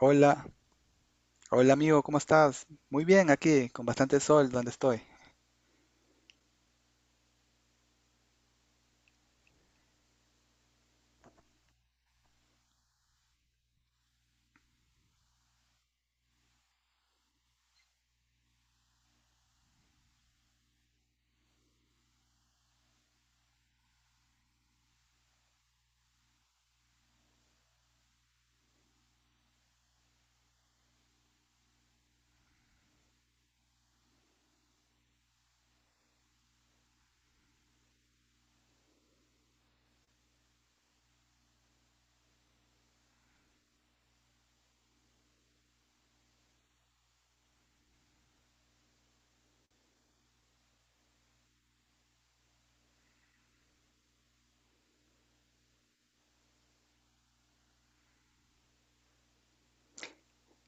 Hola, hola amigo, ¿cómo estás? Muy bien aquí, con bastante sol donde estoy.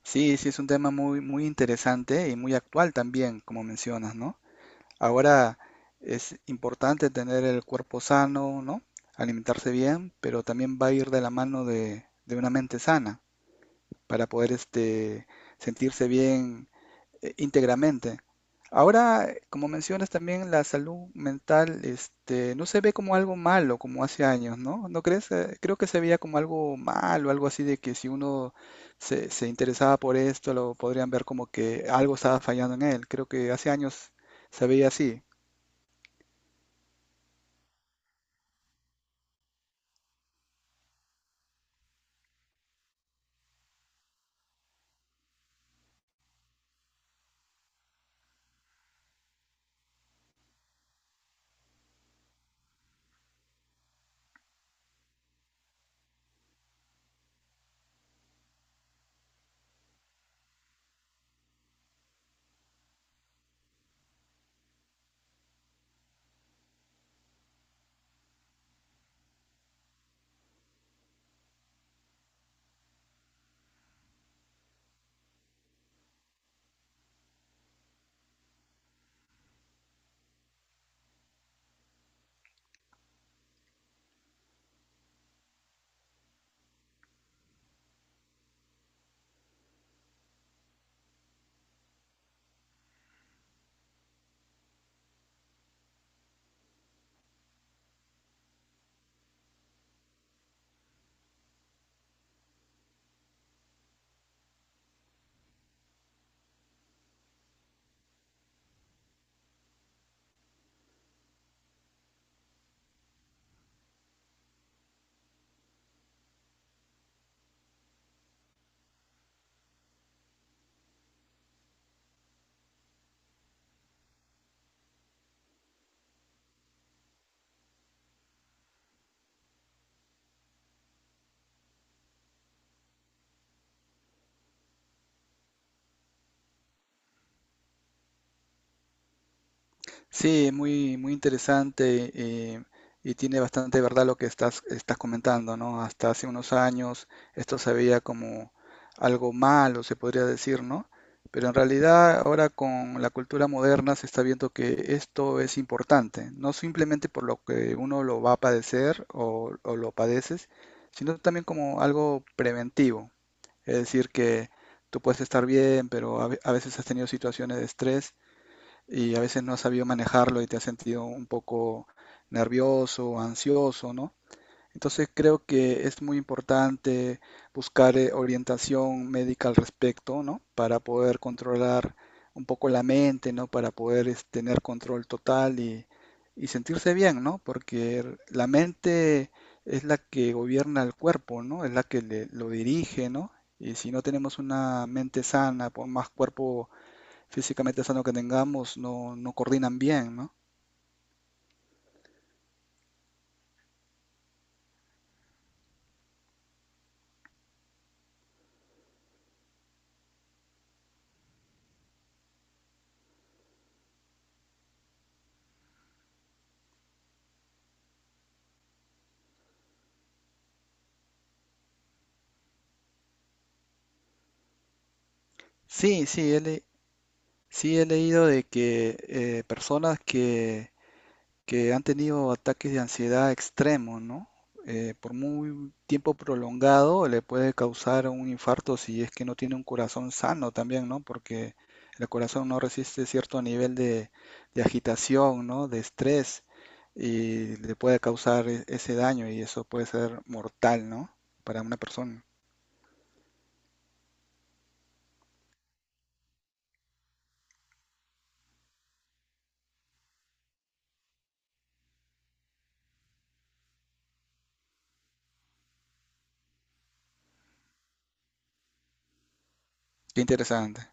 Sí, sí, es un tema muy interesante y muy actual también, como mencionas, ¿no? Ahora es importante tener el cuerpo sano, ¿no? Alimentarse bien, pero también va a ir de la mano de una mente sana para poder sentirse bien íntegramente. Ahora, como mencionas también, la salud mental, no se ve como algo malo como hace años, ¿no? ¿No crees? Creo que se veía como algo malo, algo así de que si uno se interesaba por esto, lo podrían ver como que algo estaba fallando en él. Creo que hace años se veía así. Sí, muy interesante eh, y tiene bastante verdad lo que estás comentando, ¿no? Hasta hace unos años esto se veía como algo malo, se podría decir, ¿no? Pero en realidad ahora con la cultura moderna se está viendo que esto es importante, no simplemente por lo que uno lo va a padecer o lo padeces, sino también como algo preventivo. Es decir, que tú puedes estar bien, pero a veces has tenido situaciones de estrés y a veces no has sabido manejarlo y te has sentido un poco nervioso, ansioso, ¿no? Entonces creo que es muy importante buscar orientación médica al respecto, ¿no? Para poder controlar un poco la mente, ¿no? Para tener control total y sentirse bien, ¿no? Porque la mente es la que gobierna el cuerpo, ¿no? Es la que lo dirige, ¿no? Y si no tenemos una mente sana, por más cuerpo físicamente sano que tengamos no, no coordinan bien, ¿no? Sí, sí, sí he leído de que personas que han tenido ataques de ansiedad extremos, ¿no? Por muy tiempo prolongado le puede causar un infarto si es que no tiene un corazón sano también, ¿no? Porque el corazón no resiste cierto nivel de agitación, ¿no? De estrés y le puede causar ese daño y eso puede ser mortal, ¿no? Para una persona. Qué interesante.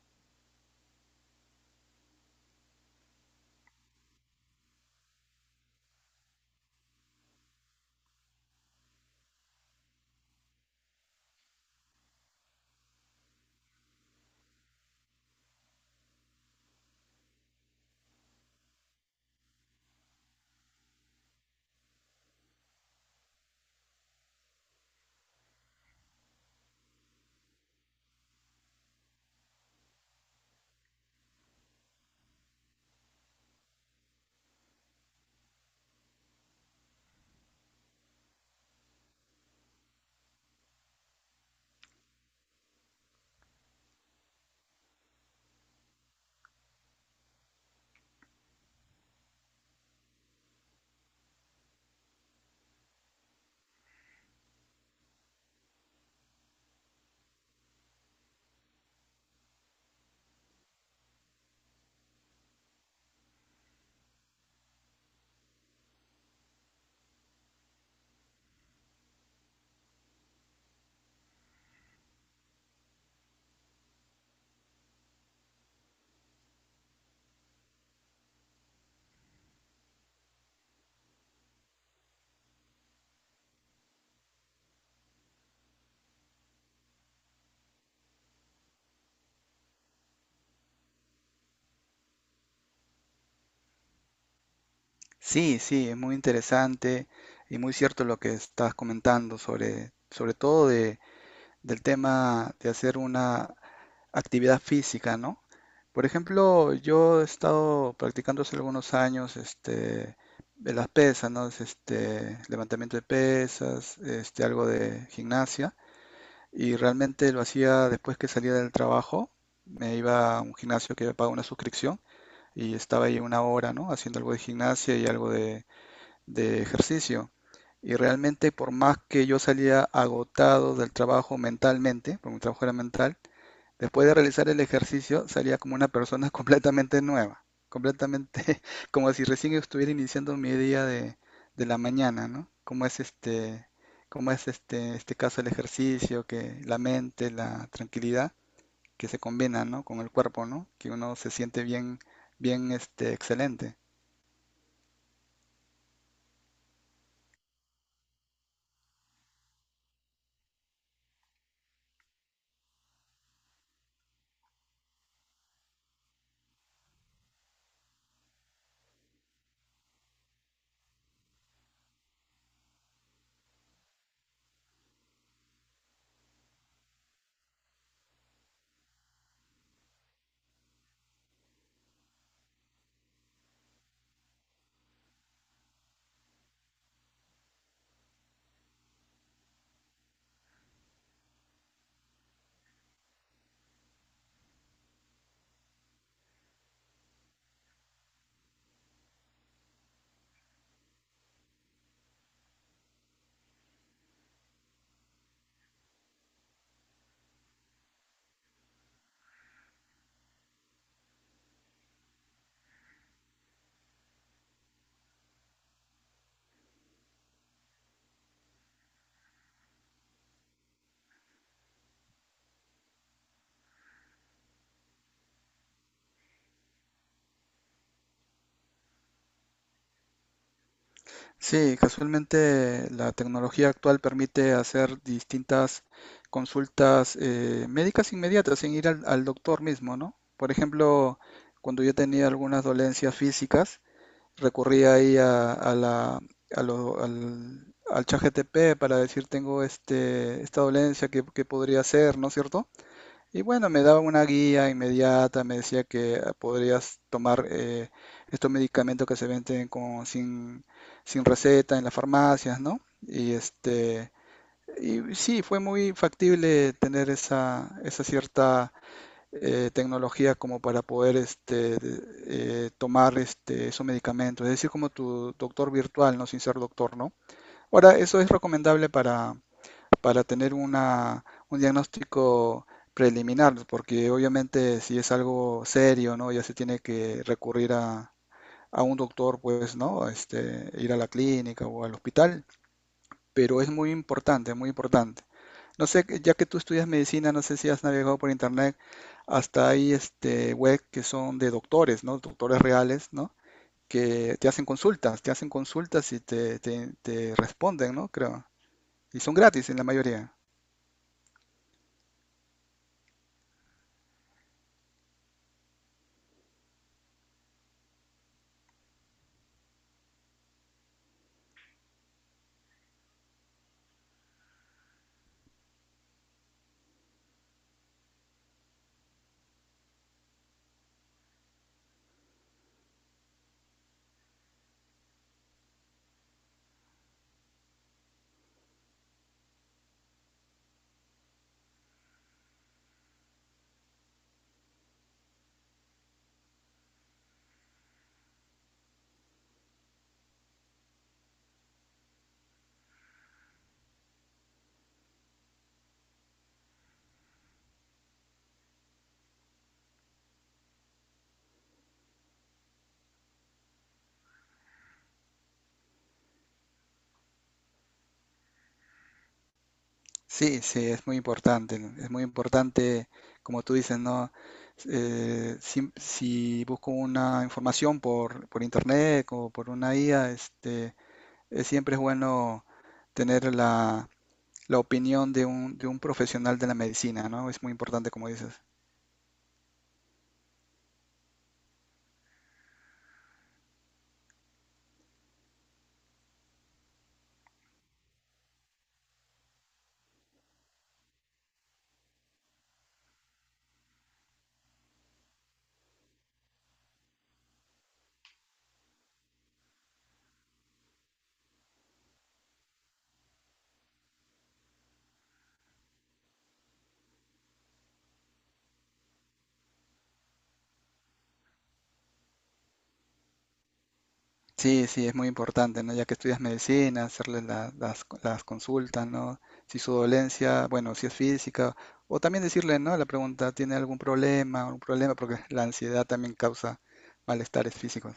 Sí, sí, es muy interesante y muy cierto lo que estás comentando sobre todo del tema de hacer una actividad física, ¿no? Por ejemplo, yo he estado practicando hace algunos años de las pesas, ¿no? Levantamiento de pesas, algo de gimnasia y realmente lo hacía después que salía del trabajo, me iba a un gimnasio que pagaba una suscripción y estaba ahí una hora, ¿no? Haciendo algo de gimnasia y algo de ejercicio. Y realmente por más que yo salía agotado del trabajo mentalmente, porque mi trabajo era mental, después de realizar el ejercicio salía como una persona completamente nueva, completamente como si recién estuviera iniciando mi día de la mañana, ¿no? Como es este caso el ejercicio, que la mente, la tranquilidad que se combina, ¿no? Con el cuerpo, ¿no? Que uno se siente bien, bien, excelente. Sí, casualmente la tecnología actual permite hacer distintas consultas médicas inmediatas sin ir al doctor mismo, ¿no? Por ejemplo, cuando yo tenía algunas dolencias físicas, recurría ahí a la, a lo- al, al ChatGPT para decir tengo esta dolencia, qué podría ser, ¿no es cierto? Y bueno, me daba una guía inmediata, me decía que ah, podrías tomar estos medicamentos que se venden con, sin, sin receta en las farmacias, ¿no? Y y sí, fue muy factible tener esa cierta tecnología como para poder tomar esos medicamentos, es decir, como tu doctor virtual, ¿no? Sin ser doctor, ¿no? Ahora, eso es recomendable para tener un diagnóstico preliminar, porque obviamente si es algo serio, ¿no? Ya se tiene que recurrir a un doctor, pues, ¿no? Este, ir a la clínica o al hospital, pero es muy importante, muy importante. No sé, ya que tú estudias medicina, no sé si has navegado por internet, hasta hay este web que son de doctores, ¿no? Doctores reales, ¿no? Que te hacen consultas y te responden, ¿no? Creo. Y son gratis en la mayoría. Sí, sí, es muy importante, ¿no? Es muy importante, como tú dices, ¿no? Si busco una información por internet o por una IA, es, siempre es bueno tener la opinión de de un profesional de la medicina, ¿no? Es muy importante, como dices. Sí, sí, es muy importante, ¿no? Ya que estudias medicina, hacerle las consultas, ¿no? Si su dolencia, bueno, si es física, o también decirle, ¿no? La pregunta, ¿tiene algún problema? Un problema, porque la ansiedad también causa malestares físicos.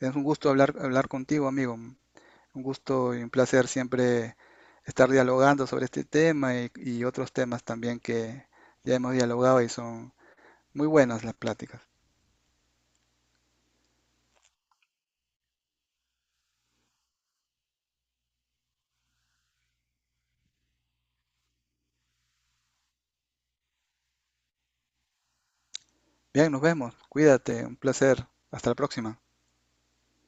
Es un gusto hablar, hablar contigo, amigo. Un gusto y un placer siempre estar dialogando sobre este tema y otros temas también que ya hemos dialogado y son muy buenas las pláticas. Bien, nos vemos. Cuídate, un placer. Hasta la próxima.